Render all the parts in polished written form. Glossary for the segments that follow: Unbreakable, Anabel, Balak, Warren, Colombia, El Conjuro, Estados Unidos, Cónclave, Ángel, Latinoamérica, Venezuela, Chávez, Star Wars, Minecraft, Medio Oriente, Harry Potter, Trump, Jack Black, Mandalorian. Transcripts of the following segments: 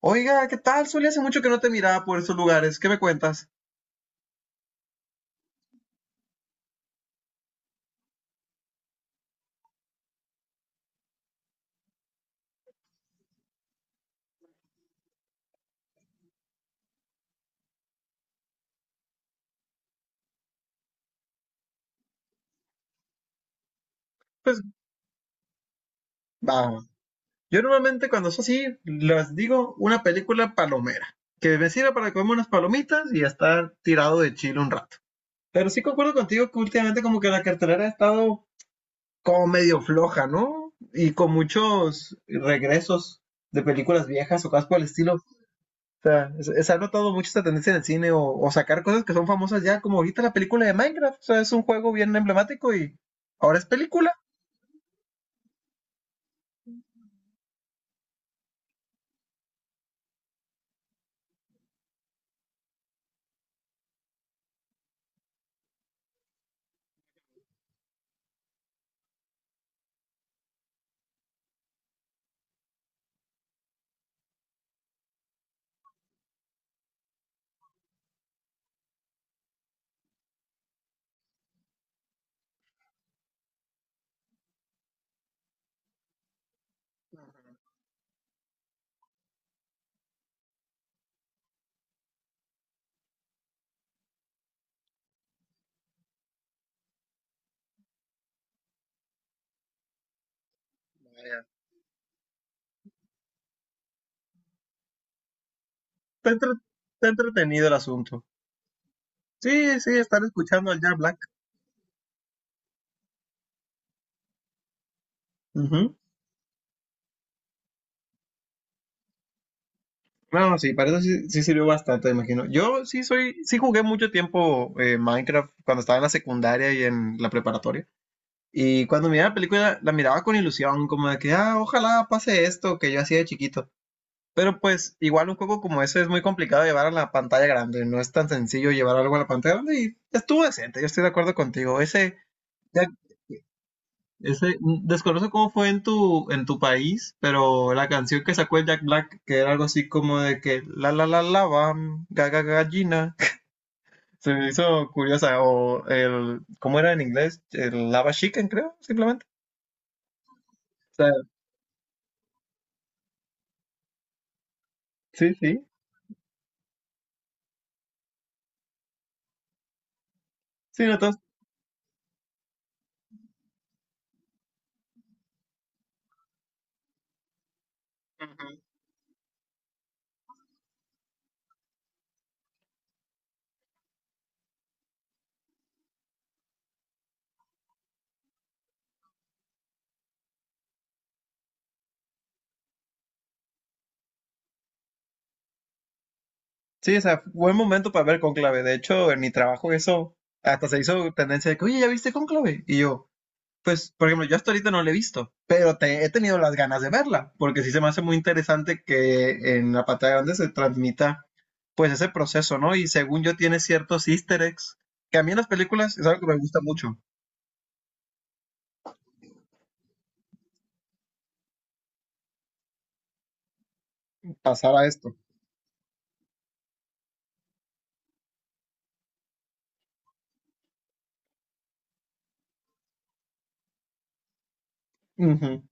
Oiga, ¿qué tal, Zuli? Hace mucho que no te miraba por esos lugares. ¿Qué me cuentas? Pues, vamos. Yo normalmente cuando es así, les digo una película palomera, que me sirva para comer unas palomitas y estar tirado de chile un rato. Pero sí concuerdo contigo que últimamente como que la cartelera ha estado como medio floja, ¿no? Y con muchos regresos de películas viejas o cosas por el estilo. O sea, se ha notado mucho esta tendencia en el cine o sacar cosas que son famosas ya, como ahorita la película de Minecraft. O sea, es un juego bien emblemático y ahora es película. Vaya, Está, entre- está entretenido el asunto. Sí, sí, estar escuchando al Jack Black. Ujú. No, no, sí, para eso sí, sí sirvió bastante, imagino. Yo sí jugué mucho tiempo Minecraft cuando estaba en la secundaria y en la preparatoria. Y cuando miraba la película, la miraba con ilusión, como de que, ah, ojalá pase esto que yo hacía de chiquito. Pero pues igual un juego como ese es muy complicado de llevar a la pantalla grande, no es tan sencillo llevar algo a la pantalla grande y estuvo decente, yo estoy de acuerdo contigo. Ese, Jack- ese, mm, desconozco cómo fue en tu país, pero la canción que sacó el Jack Black, que era algo así como de que la la la la bam, ga, ga, gallina, se me hizo curiosa, o el, ¿cómo era en inglés? El lava chicken, creo, simplemente. O sea, sí, sí. Sí, no, sí, o sea, buen momento para ver Cónclave. De hecho, en mi trabajo eso hasta se hizo tendencia de que, oye, ¿ya viste Cónclave? Y yo, por ejemplo, yo hasta ahorita no la he visto, pero he tenido las ganas de verla, porque sí se me hace muy interesante que en la pantalla grande se transmita pues ese proceso, ¿no? Y según yo tiene ciertos easter eggs, que a mí en las películas es algo que me gusta mucho, pasar a esto. Ujú.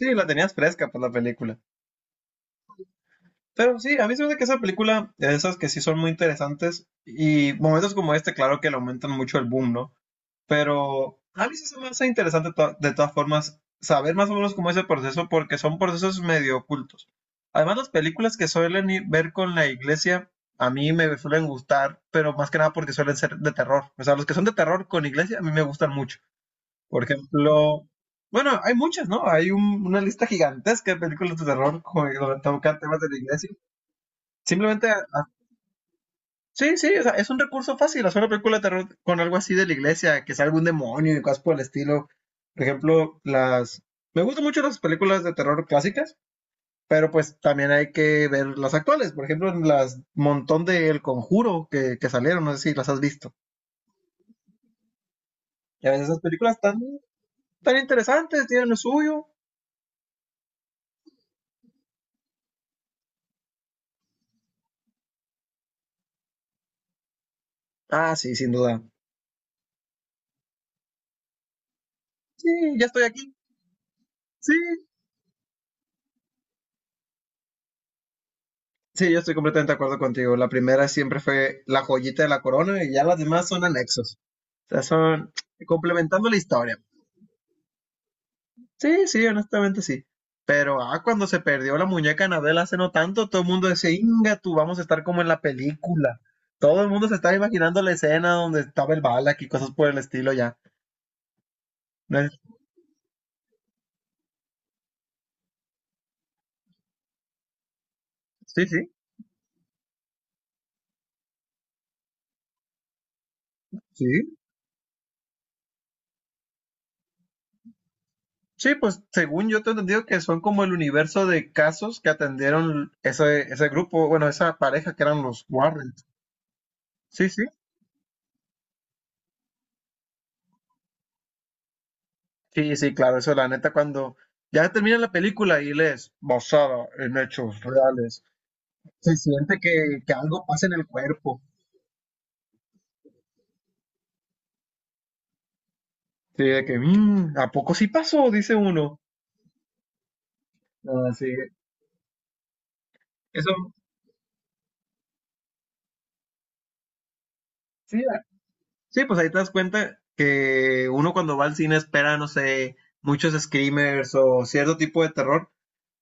Sí, la tenías fresca por la película. Pero sí, a mí se me hace que esa película, de esas que sí son muy interesantes, y momentos como este, claro que le aumentan mucho el boom, ¿no? Pero a mí sí se me hace interesante de todas formas saber más o menos cómo es el proceso porque son procesos medio ocultos. Además, las películas que suelen ver con la iglesia a mí me suelen gustar, pero más que nada porque suelen ser de terror. O sea, los que son de terror con iglesia a mí me gustan mucho. Por ejemplo, bueno, hay muchas, ¿no? Hay una lista gigantesca de películas de terror con, donde tocan temas de la iglesia. Simplemente Sí, sí, o sea, es un recurso fácil hacer una película de terror con algo así de la iglesia, que salga un demonio y cosas por el estilo. Por ejemplo, las... Me gustan mucho las películas de terror clásicas, pero pues también hay que ver las actuales. Por ejemplo, las montón de El Conjuro que salieron, no sé si las has visto. Y a veces esas películas están tan interesantes, tienen lo suyo. Ah, sí, sin duda. Sí, ya estoy aquí. Sí, sí, yo estoy completamente de acuerdo contigo. La primera siempre fue la joyita de la corona y ya las demás son anexos. Son complementando la historia. Sí, sí, honestamente sí. Pero ah, cuando se perdió la muñeca Anabel hace no tanto, todo el mundo decía, Inga, tú vamos a estar como en la película. Todo el mundo se estaba imaginando la escena donde estaba el Balak y cosas por el estilo ya. ¿No es? Sí, sí, sí. Sí, pues según yo te he entendido que son como el universo de casos que atendieron ese, ese grupo, bueno, esa pareja que eran los Warren. Sí, sí, sí, sí, claro, eso la neta cuando ya termina la película y lees basada en hechos reales, se siente que algo pasa en el cuerpo. Sí, de que, "Mm, ¿a poco sí pasó? Dice uno. Ah, sí, eso, sí, ah, sí, pues ahí te das cuenta que uno cuando va al cine espera, no sé, muchos screamers o cierto tipo de terror,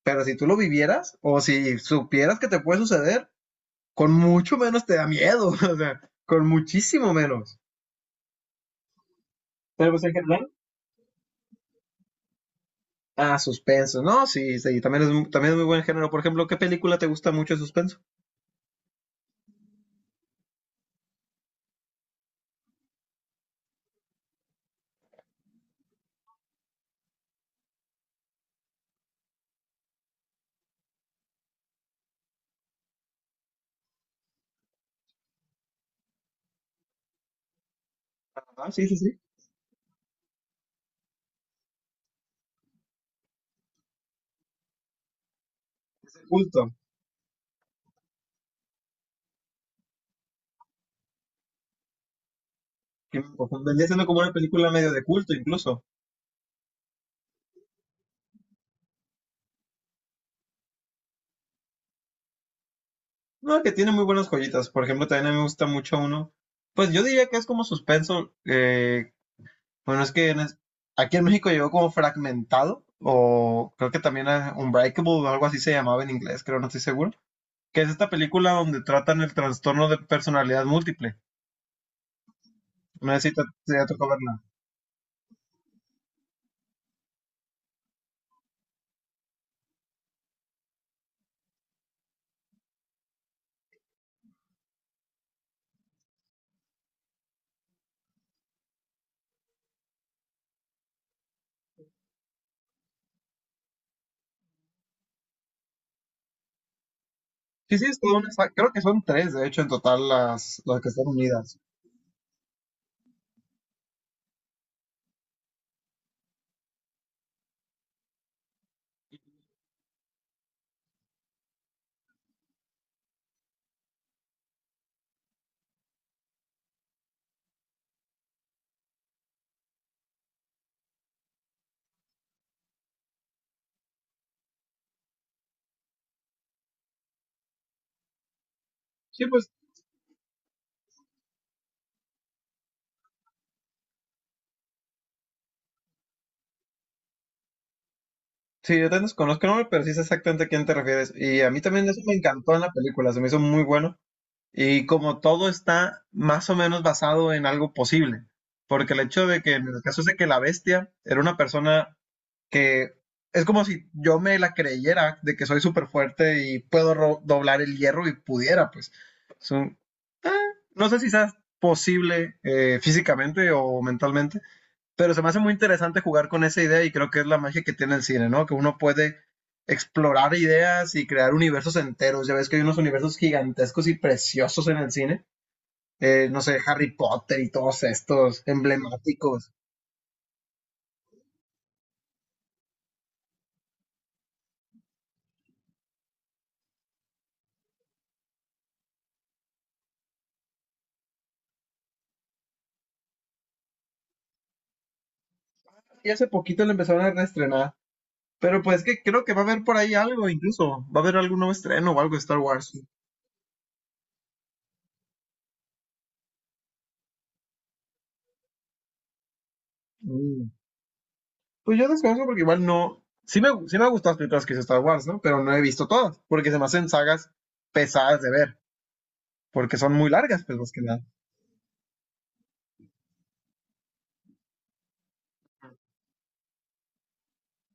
pero si tú lo vivieras o si supieras que te puede suceder, con mucho menos te da miedo, o sea, con muchísimo menos. Pero pues en general, ah, suspenso. No, sí, sí, también es, también es muy buen género. Por ejemplo, ¿qué película te gusta mucho de suspenso? Ah, sí, sí, sí. De culto. Que me confundí. Vendría siendo como una película medio de culto, incluso. No, que tiene muy buenas joyitas. Por ejemplo, también a mí me gusta mucho uno. Pues yo diría que es como suspenso. Bueno, es que aquí en México llegó como fragmentado. O creo que también Unbreakable o algo así se llamaba en inglés, creo, no estoy seguro. Que es esta película donde tratan el trastorno de personalidad múltiple. No sé si te, si te tocó verla. Sí, sí, es toda una saga. Creo que son tres, de hecho, en total las que están unidas. Sí, pues, sí, yo te desconozco el nombre, pero sí sé exactamente a quién te refieres. Y a mí también eso me encantó en la película, se me hizo muy bueno. Y como todo está más o menos basado en algo posible, porque el hecho de que, en el caso es de que la bestia era una persona que es como si yo me la creyera de que soy súper fuerte y puedo doblar el hierro y pudiera, pues. Es un- eh, no sé si sea posible físicamente o mentalmente, pero se me hace muy interesante jugar con esa idea y creo que es la magia que tiene el cine, ¿no? Que uno puede explorar ideas y crear universos enteros. Ya ves que hay unos universos gigantescos y preciosos en el cine. No sé, Harry Potter y todos estos emblemáticos. Y hace poquito le empezaron a reestrenar. Pero pues que creo que va a haber por ahí algo, incluso. Va a haber algún nuevo estreno o algo de Star Wars. Mm. Pues yo desconozco porque igual no. Sí me gustan las películas que hizo Star Wars, ¿no? Pero no he visto todas, porque se me hacen sagas pesadas de ver, porque son muy largas, pues más que nada.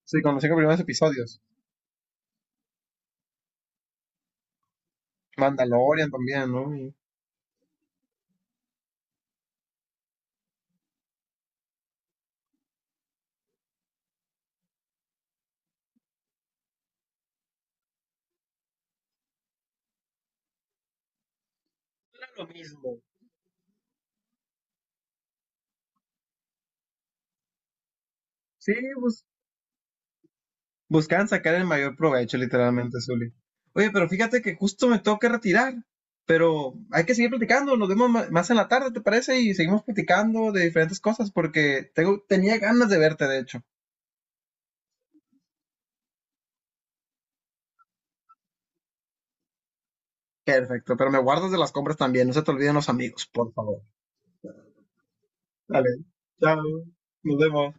Sí, con los cinco primeros episodios. Mandalorian también, ¿no? Era lo mismo. Sí, pues buscaban sacar el mayor provecho, literalmente, Zuli. Oye, pero fíjate que justo me tengo que retirar, pero hay que seguir platicando. Nos vemos más en la tarde, ¿te parece? Y seguimos platicando de diferentes cosas porque tenía ganas de verte, de hecho. Perfecto, pero me guardas de las compras también. No se te olviden los amigos, por favor. Dale, chao, nos vemos.